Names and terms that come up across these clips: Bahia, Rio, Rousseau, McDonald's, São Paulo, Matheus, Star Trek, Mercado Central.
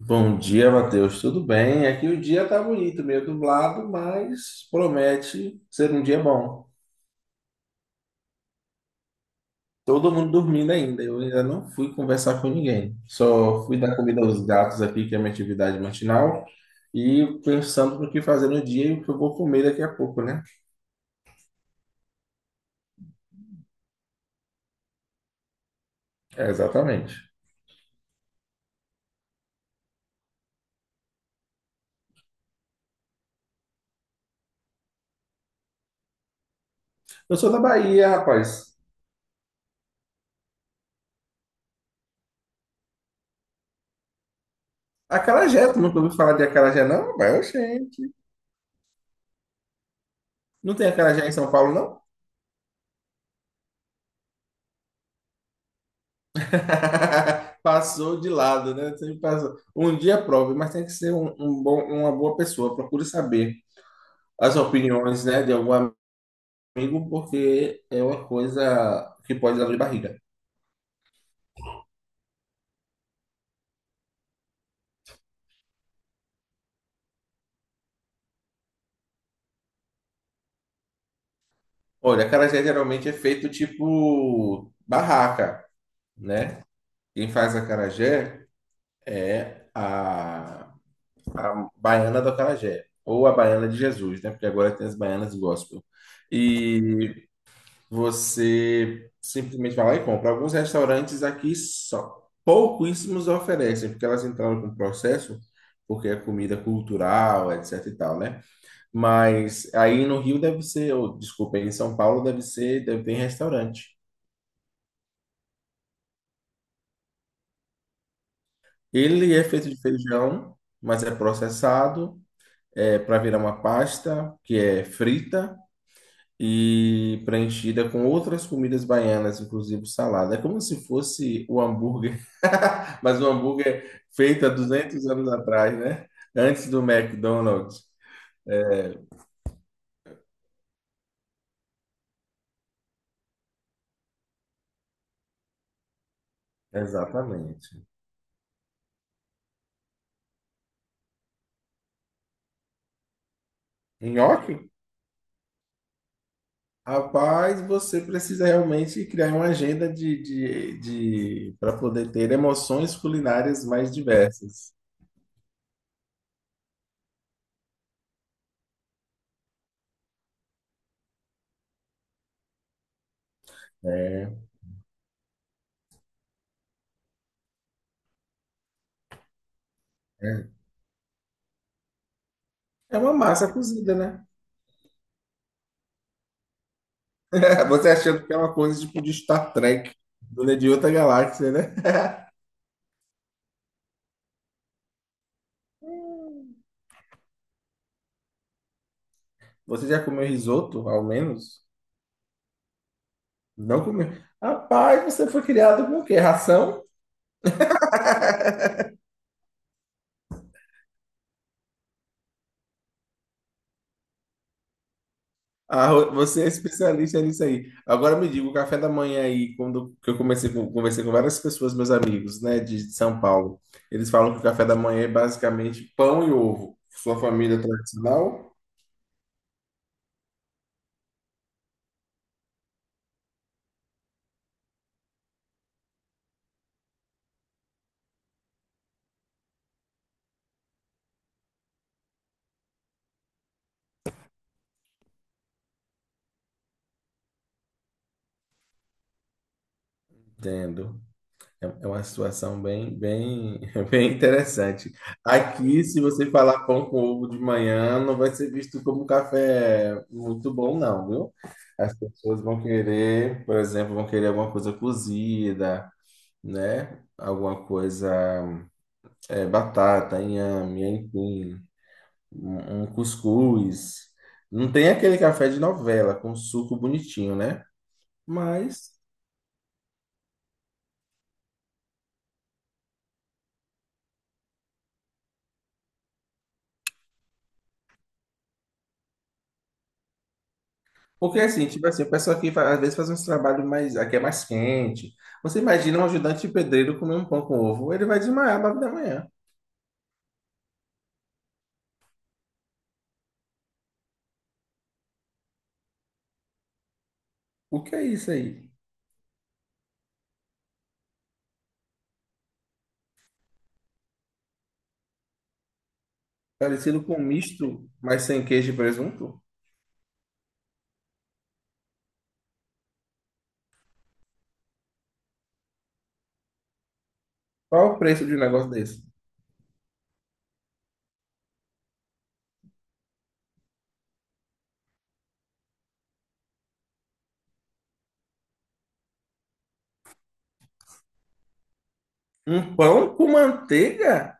Bom dia, Matheus. Tudo bem? Aqui o dia tá bonito, meio nublado, mas promete ser um dia bom. Todo mundo dormindo ainda. Eu ainda não fui conversar com ninguém. Só fui dar comida aos gatos aqui, que é a minha atividade matinal, e pensando no que fazer no dia e o que eu vou comer daqui a pouco, né? É, exatamente. Eu sou da Bahia, rapaz. Acarajé, tu nunca ouviu falar de acarajé, não? Mas, gente, não tem acarajé em São Paulo, não? Passou de lado, né? Sempre passou. Um dia prove, mas tem que ser uma boa pessoa. Procure saber as opiniões, né, de algum amigo, porque é uma coisa que pode dar dor de barriga. Olha, acarajé geralmente é feito tipo barraca, né? Quem faz acarajé é a baiana do acarajé, ou a baiana de Jesus, né? Porque agora tem as baianas gospel. E você simplesmente vai lá e compra. Alguns restaurantes aqui só pouquíssimos oferecem, porque elas entraram com processo, porque é comida cultural, etc e tal, né? Mas aí no Rio deve ser, ou desculpa, em São Paulo deve ser, deve ter em restaurante. Ele é feito de feijão, mas é processado, é para virar uma pasta que é frita e preenchida com outras comidas baianas, inclusive salada. É como se fosse o hambúrguer, mas o hambúrguer feito há 200 anos atrás, né? Antes do McDonald's. Exatamente. Nhoque? Rapaz, você precisa realmente criar uma agenda para poder ter emoções culinárias mais diversas. É é É uma massa cozida, né? Você achando que é uma coisa tipo de Star Trek, de outra galáxia, né? Você já comeu risoto, ao menos? Não comeu. Rapaz, você foi criado com o quê? Ração? Você é especialista nisso aí. Agora me diga, o café da manhã aí, quando que eu comecei com, conversei com várias pessoas, meus amigos, né, de São Paulo, eles falam que o café da manhã é basicamente pão e ovo. Sua família é tradicional? Entendo. É uma situação bem, bem, bem interessante. Aqui, se você falar pão com ovo de manhã, não vai ser visto como um café muito bom, não, viu? As pessoas vão querer, por exemplo, vão querer alguma coisa cozida, né? Alguma coisa, é, batata, inhame, enfim, um cuscuz. Não tem aquele café de novela com suco bonitinho, né? Mas Porque assim, tipo assim, o pessoal aqui às vezes faz uns trabalhos mais, aqui é mais quente. Você imagina um ajudante de pedreiro comer um pão com ovo, ele vai desmaiar às 9 da manhã. O que é isso aí? Parecido com um misto, mas sem queijo e presunto? Qual o preço de um negócio desse? Um pão com manteiga?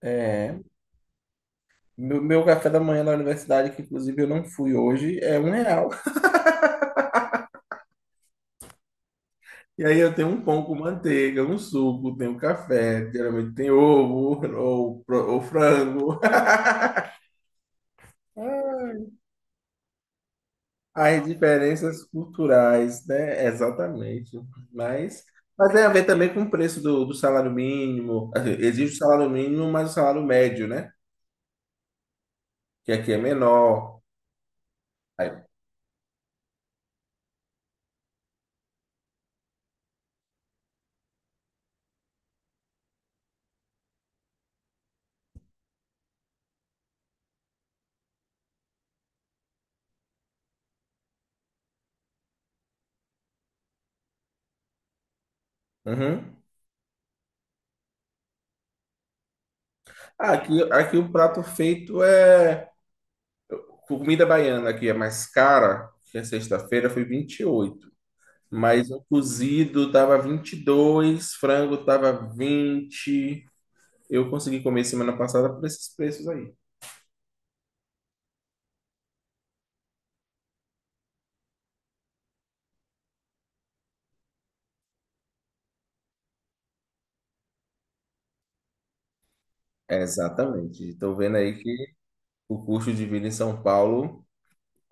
É, meu café da manhã na universidade, que inclusive eu não fui hoje, é R$ 1. E aí eu tenho um pão com manteiga, um suco, tenho café, geralmente tem ovo ou, ou frango. As diferenças culturais, né? Exatamente. Mas, mas tem a ver também com o preço do salário mínimo. Assim, existe o salário mínimo, mas o salário médio, né? Que aqui é menor. Aí, uhum. Ah, aqui o prato feito é comida baiana, aqui é mais cara, que é sexta-feira foi 28. Mas o cozido tava 22, frango tava 20. Eu consegui comer semana passada por esses preços aí. Exatamente. Estou vendo aí o custo de vida em São Paulo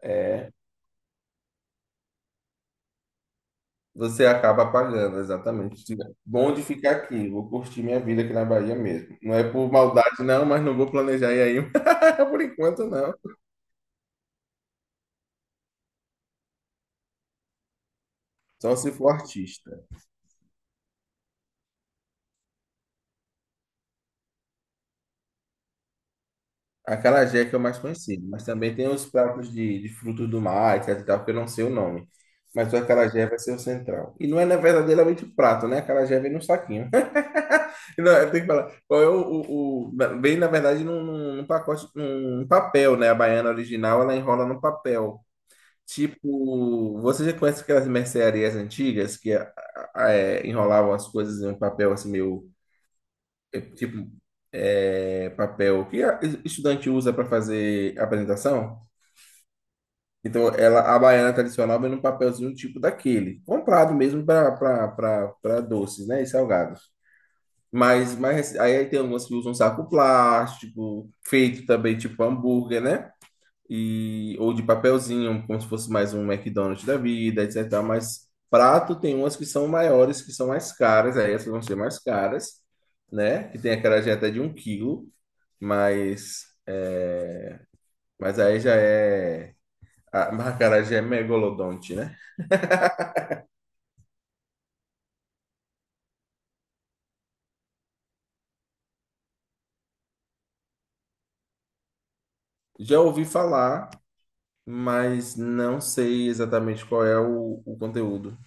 é você acaba pagando, exatamente. Bom de ficar aqui, vou curtir minha vida aqui na Bahia mesmo. Não é por maldade, não, mas não vou planejar ir aí por enquanto, não. Só se for artista. Acarajé que é o mais conhecido, mas também tem os pratos de frutos do mar, etc e tal, que eu não sei o nome. Mas o acarajé vai ser o central. E não é né, verdadeiramente prato, né? Acarajé vem num saquinho. Não, eu tenho que falar. Qual é o- na- Vem, na verdade, num pacote, num papel, né? A baiana original, ela enrola no papel. Tipo, você já conhece aquelas mercearias antigas que é, enrolavam as coisas em um papel assim meio, é, tipo, é, papel que estudante usa para fazer apresentação? Então, ela, a baiana tradicional vem num papelzinho tipo daquele, comprado mesmo para doces, né? E salgados. Mas, aí tem algumas que usam saco plástico, feito também tipo hambúrguer, né? E, ou de papelzinho, como se fosse mais um McDonald's da vida, etc. Mas prato tem umas que são maiores, que são mais caras, aí essas vão ser mais caras, né? Que tem aquela até de um quilo, mas, é, mas aí já é. A a acarajé é megalodonte, né? Já ouvi falar, mas não sei exatamente qual é o conteúdo.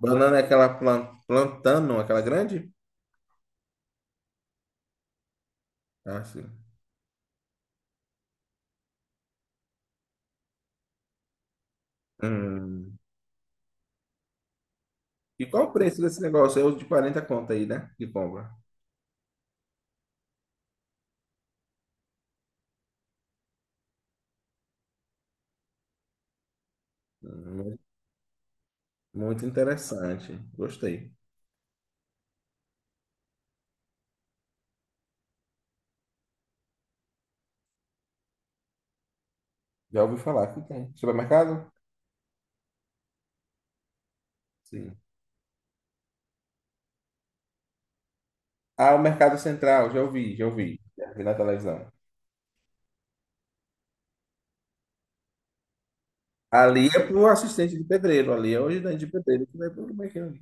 Banana é aquela plantano, aquela grande? Ah, sim. Hum. E qual o preço desse negócio? É o de 40 conto aí, né? Que compra. Hum, Muito interessante. Gostei. Já ouvi falar que tem. Supermercado? Sim. Ah, o Mercado Central. Já ouvi, já ouvi. Já vi na televisão. Ali é pro assistente de pedreiro. Ali é o ajudante de pedreiro que vai pro mercado.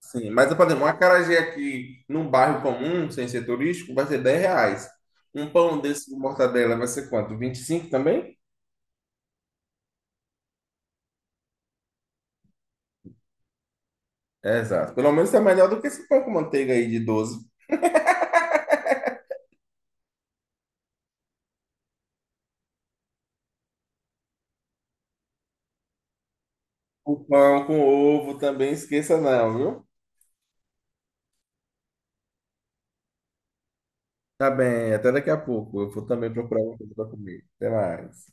Sim, mas, por exemplo, um acarajé aqui num bairro comum, sem ser turístico, vai ser R$ 10. Um pão desse de mortadela vai ser quanto? 25 também? É, exato. Pelo menos é melhor do que esse pão com manteiga aí de 12. O pão com ovo também, esqueça não, viu? Tá bem, até daqui a pouco. Eu vou também procurar alguma coisa para comer. Até mais.